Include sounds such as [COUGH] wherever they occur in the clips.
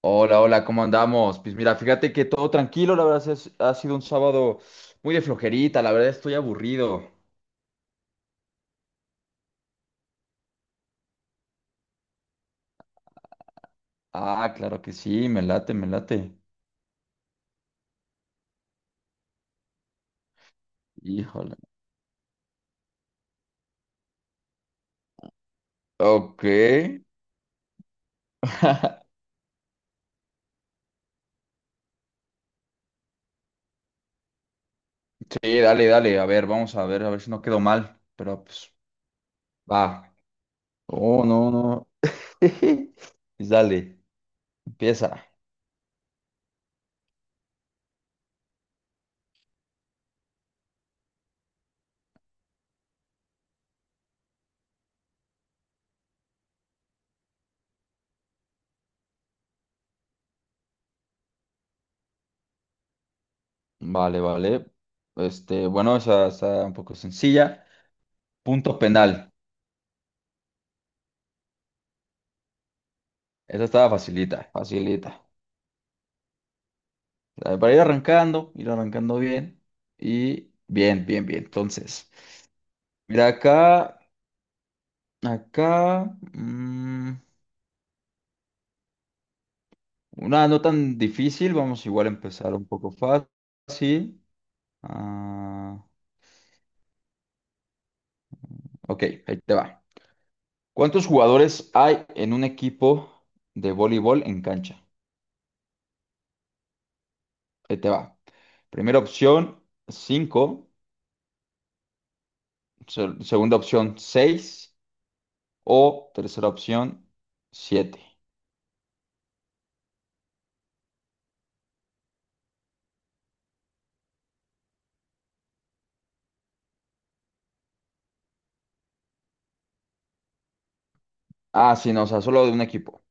Hola, hola, ¿cómo andamos? Pues mira, fíjate que todo tranquilo, la verdad ha sido un sábado muy de flojerita, la verdad estoy aburrido. Ah, claro que sí, me late, me late. Híjole. Ok. [LAUGHS] Sí, dale, dale, a ver, vamos a ver si no quedo mal, pero pues va. Oh, no, no. [LAUGHS] Pues dale, empieza. Vale, vale. Bueno, esa está un poco sencilla. Punto penal. Esa estaba facilita, facilita. Ah, para ir arrancando bien. Y bien, bien, bien. Entonces, mira acá, acá, mm, una no tan difícil. Vamos igual a empezar un poco fácil. Ah, ok, ahí te va. ¿Cuántos jugadores hay en un equipo de voleibol en cancha? Ahí te va. Primera opción, 5, segunda opción, seis, o tercera opción, 7. Ah, sí, no, o sea, solo de un equipo.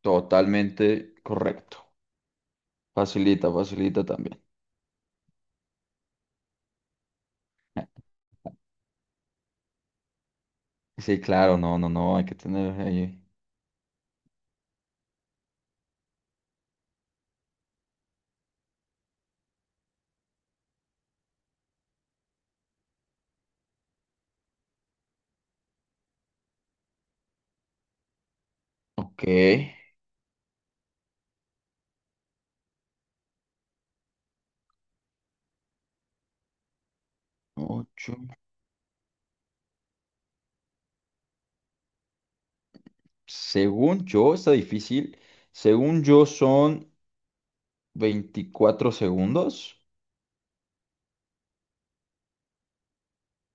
Totalmente correcto. Facilita, facilita también. Sí, claro, no, no, no, hay que tener ahí. Ok, ocho. Según yo, está difícil. Según yo, son 24 segundos.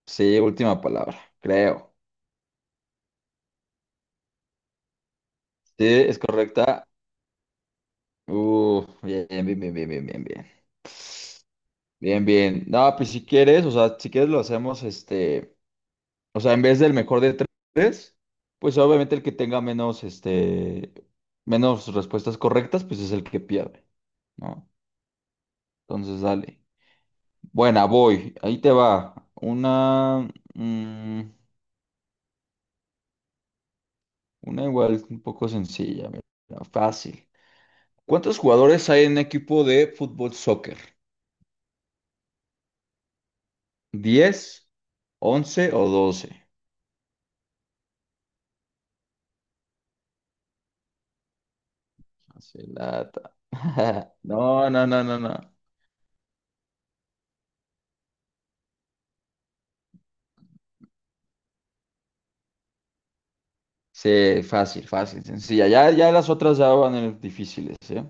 Sí, última palabra, creo. Sí, es correcta. Bien, bien, bien, bien, bien, bien, bien. Bien, bien. No, pues si quieres, o sea, si quieres lo hacemos. O sea, en vez del mejor de tres, pues obviamente el que tenga menos respuestas correctas, pues es el que pierde, ¿no? Entonces, dale. Buena, voy. Ahí te va. Mm, una igual un poco sencilla, mira, fácil. ¿Cuántos jugadores hay en un equipo de fútbol soccer? 10, 11 o 12. Así lata. [LAUGHS] No, no, no, no, no. Sí, fácil, fácil, sencilla. Ya, ya las otras ya van a ser difíciles, ¿eh?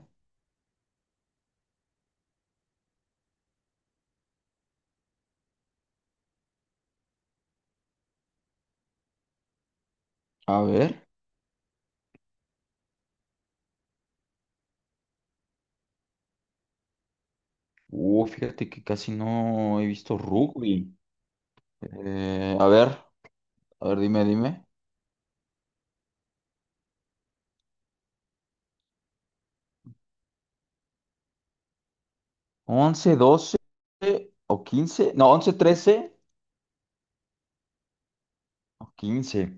A ver. Fíjate que casi no he visto rugby. A ver, a ver, dime, dime. 11, 12 o 15. No, 11, 13 o 15.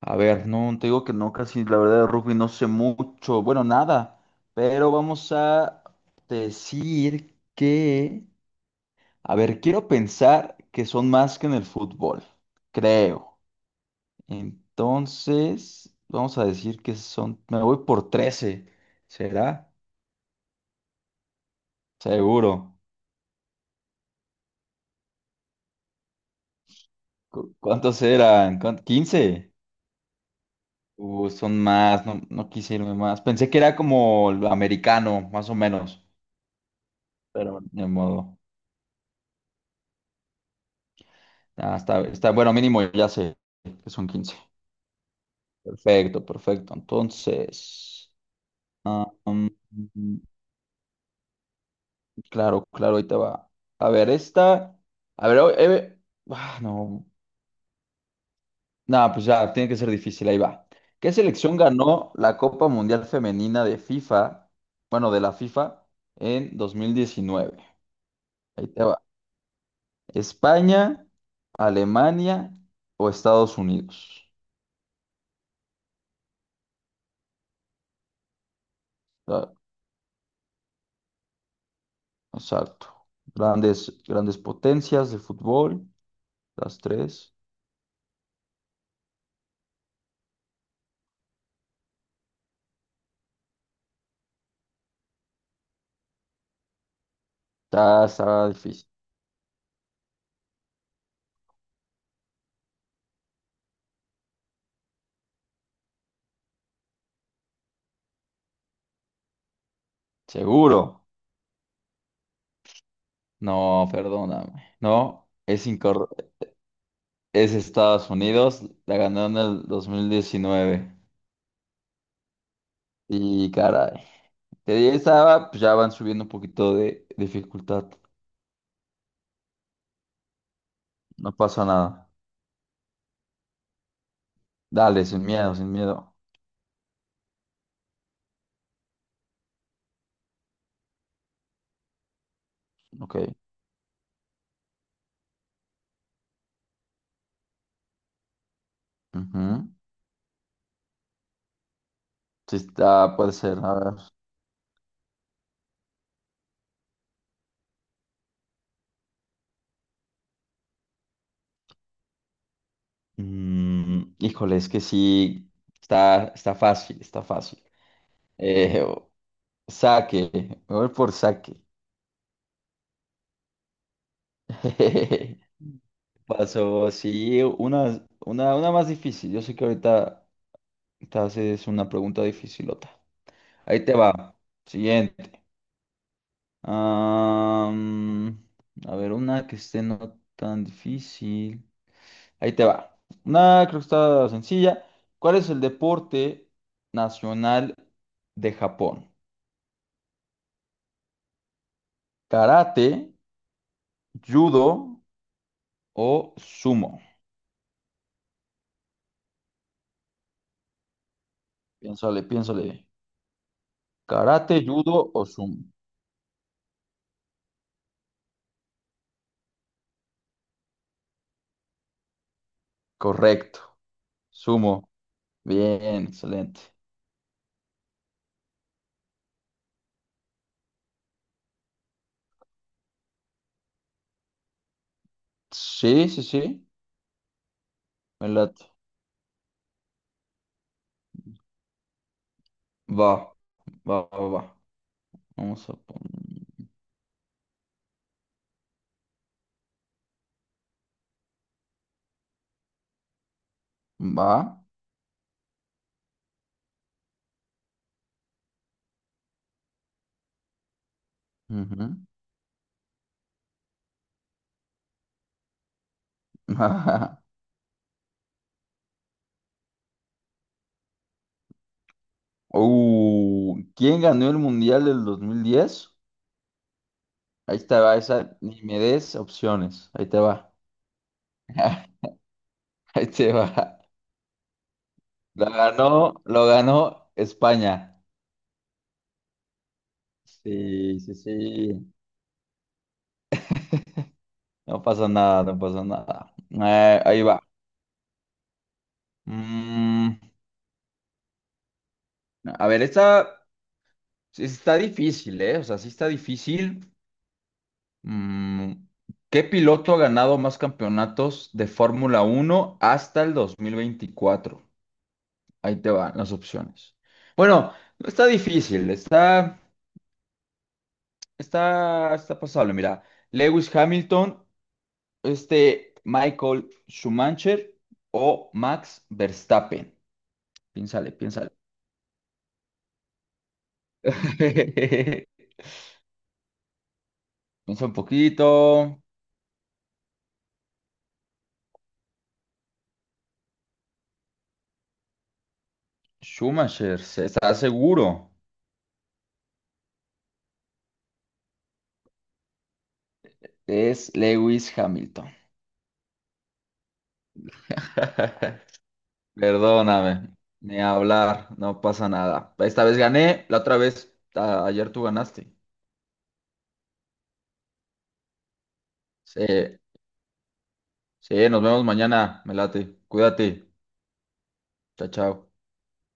A ver, no, te digo que no, casi la verdad de rugby no sé mucho. Bueno, nada. Pero vamos a decir que. A ver, quiero pensar que son más que en el fútbol. Creo. Entonces, vamos a decir que son, me voy por 13, ¿será? Seguro. ¿Cuántos eran? ¿15? Son más, no, no quise irme más. Pensé que era como lo americano, más o menos, pero de modo. Ah, bueno, mínimo ya sé que son 15. Perfecto, perfecto. Entonces, ah, mm, claro, claro, ahí te va. A ver, esta, a ver, no. No, pues ya, tiene que ser difícil, ahí va. ¿Qué selección ganó la Copa Mundial Femenina de FIFA, bueno, de la FIFA, en 2019? Ahí te va. ¿España, Alemania o Estados Unidos? Ah, exacto. Grandes, grandes potencias de fútbol, las tres. Ya está difícil. Seguro. No, perdóname. No, es incorrecto. Es Estados Unidos, la ganó en el 2019. Y caray. De 10 a, pues ya van subiendo un poquito de dificultad. No pasa nada. Dale, sin miedo, sin miedo. Ok. Ujú. Sí está, puede ser. A ver. Híjole, es que sí. Está fácil, está fácil. Eh, o- saque. Me voy por saque. [LAUGHS] Pasó, sí, una más difícil. Yo sé que ahorita te haces una pregunta dificilota. Ahí te va. Siguiente. Am, a ver, una que esté no tan difícil. Ahí te va. Una creo que está sencilla. ¿Cuál es el deporte nacional de Japón? ¿Karate, judo o sumo? Piénsale, piénsale. ¿Karate, judo o sumo? Correcto. Sumo. Bien, excelente. Sí, sí, sí. Me late. Va, va, va, va. Vamos a poner. Va. Ujú. [LAUGHS] ¿Quién ganó el Mundial del 2010? Ahí te va esa, ni me des opciones. Ahí te va. [LAUGHS] Ahí te va. Lo ganó España. Sí, sí, sí. No pasa nada, no pasa nada. Ahí va. Mm, a ver, esta sí está difícil, ¿eh? O sea, sí está difícil. Mm, ¿qué piloto ha ganado más campeonatos de Fórmula Uno hasta el 2024? Ahí te van las opciones. Bueno, no está difícil, está pasable. Mira, Lewis Hamilton, Michael Schumacher o Max Verstappen. Piénsale, piénsale. [LAUGHS] Piensa un poquito. Schumacher, ¿estás seguro? Es Lewis Hamilton. [LAUGHS] Perdóname, ni hablar, no pasa nada. Esta vez gané, la otra vez, ayer tú ganaste. Sí. Sí, nos vemos mañana, me late. Cuídate. Chao, chao.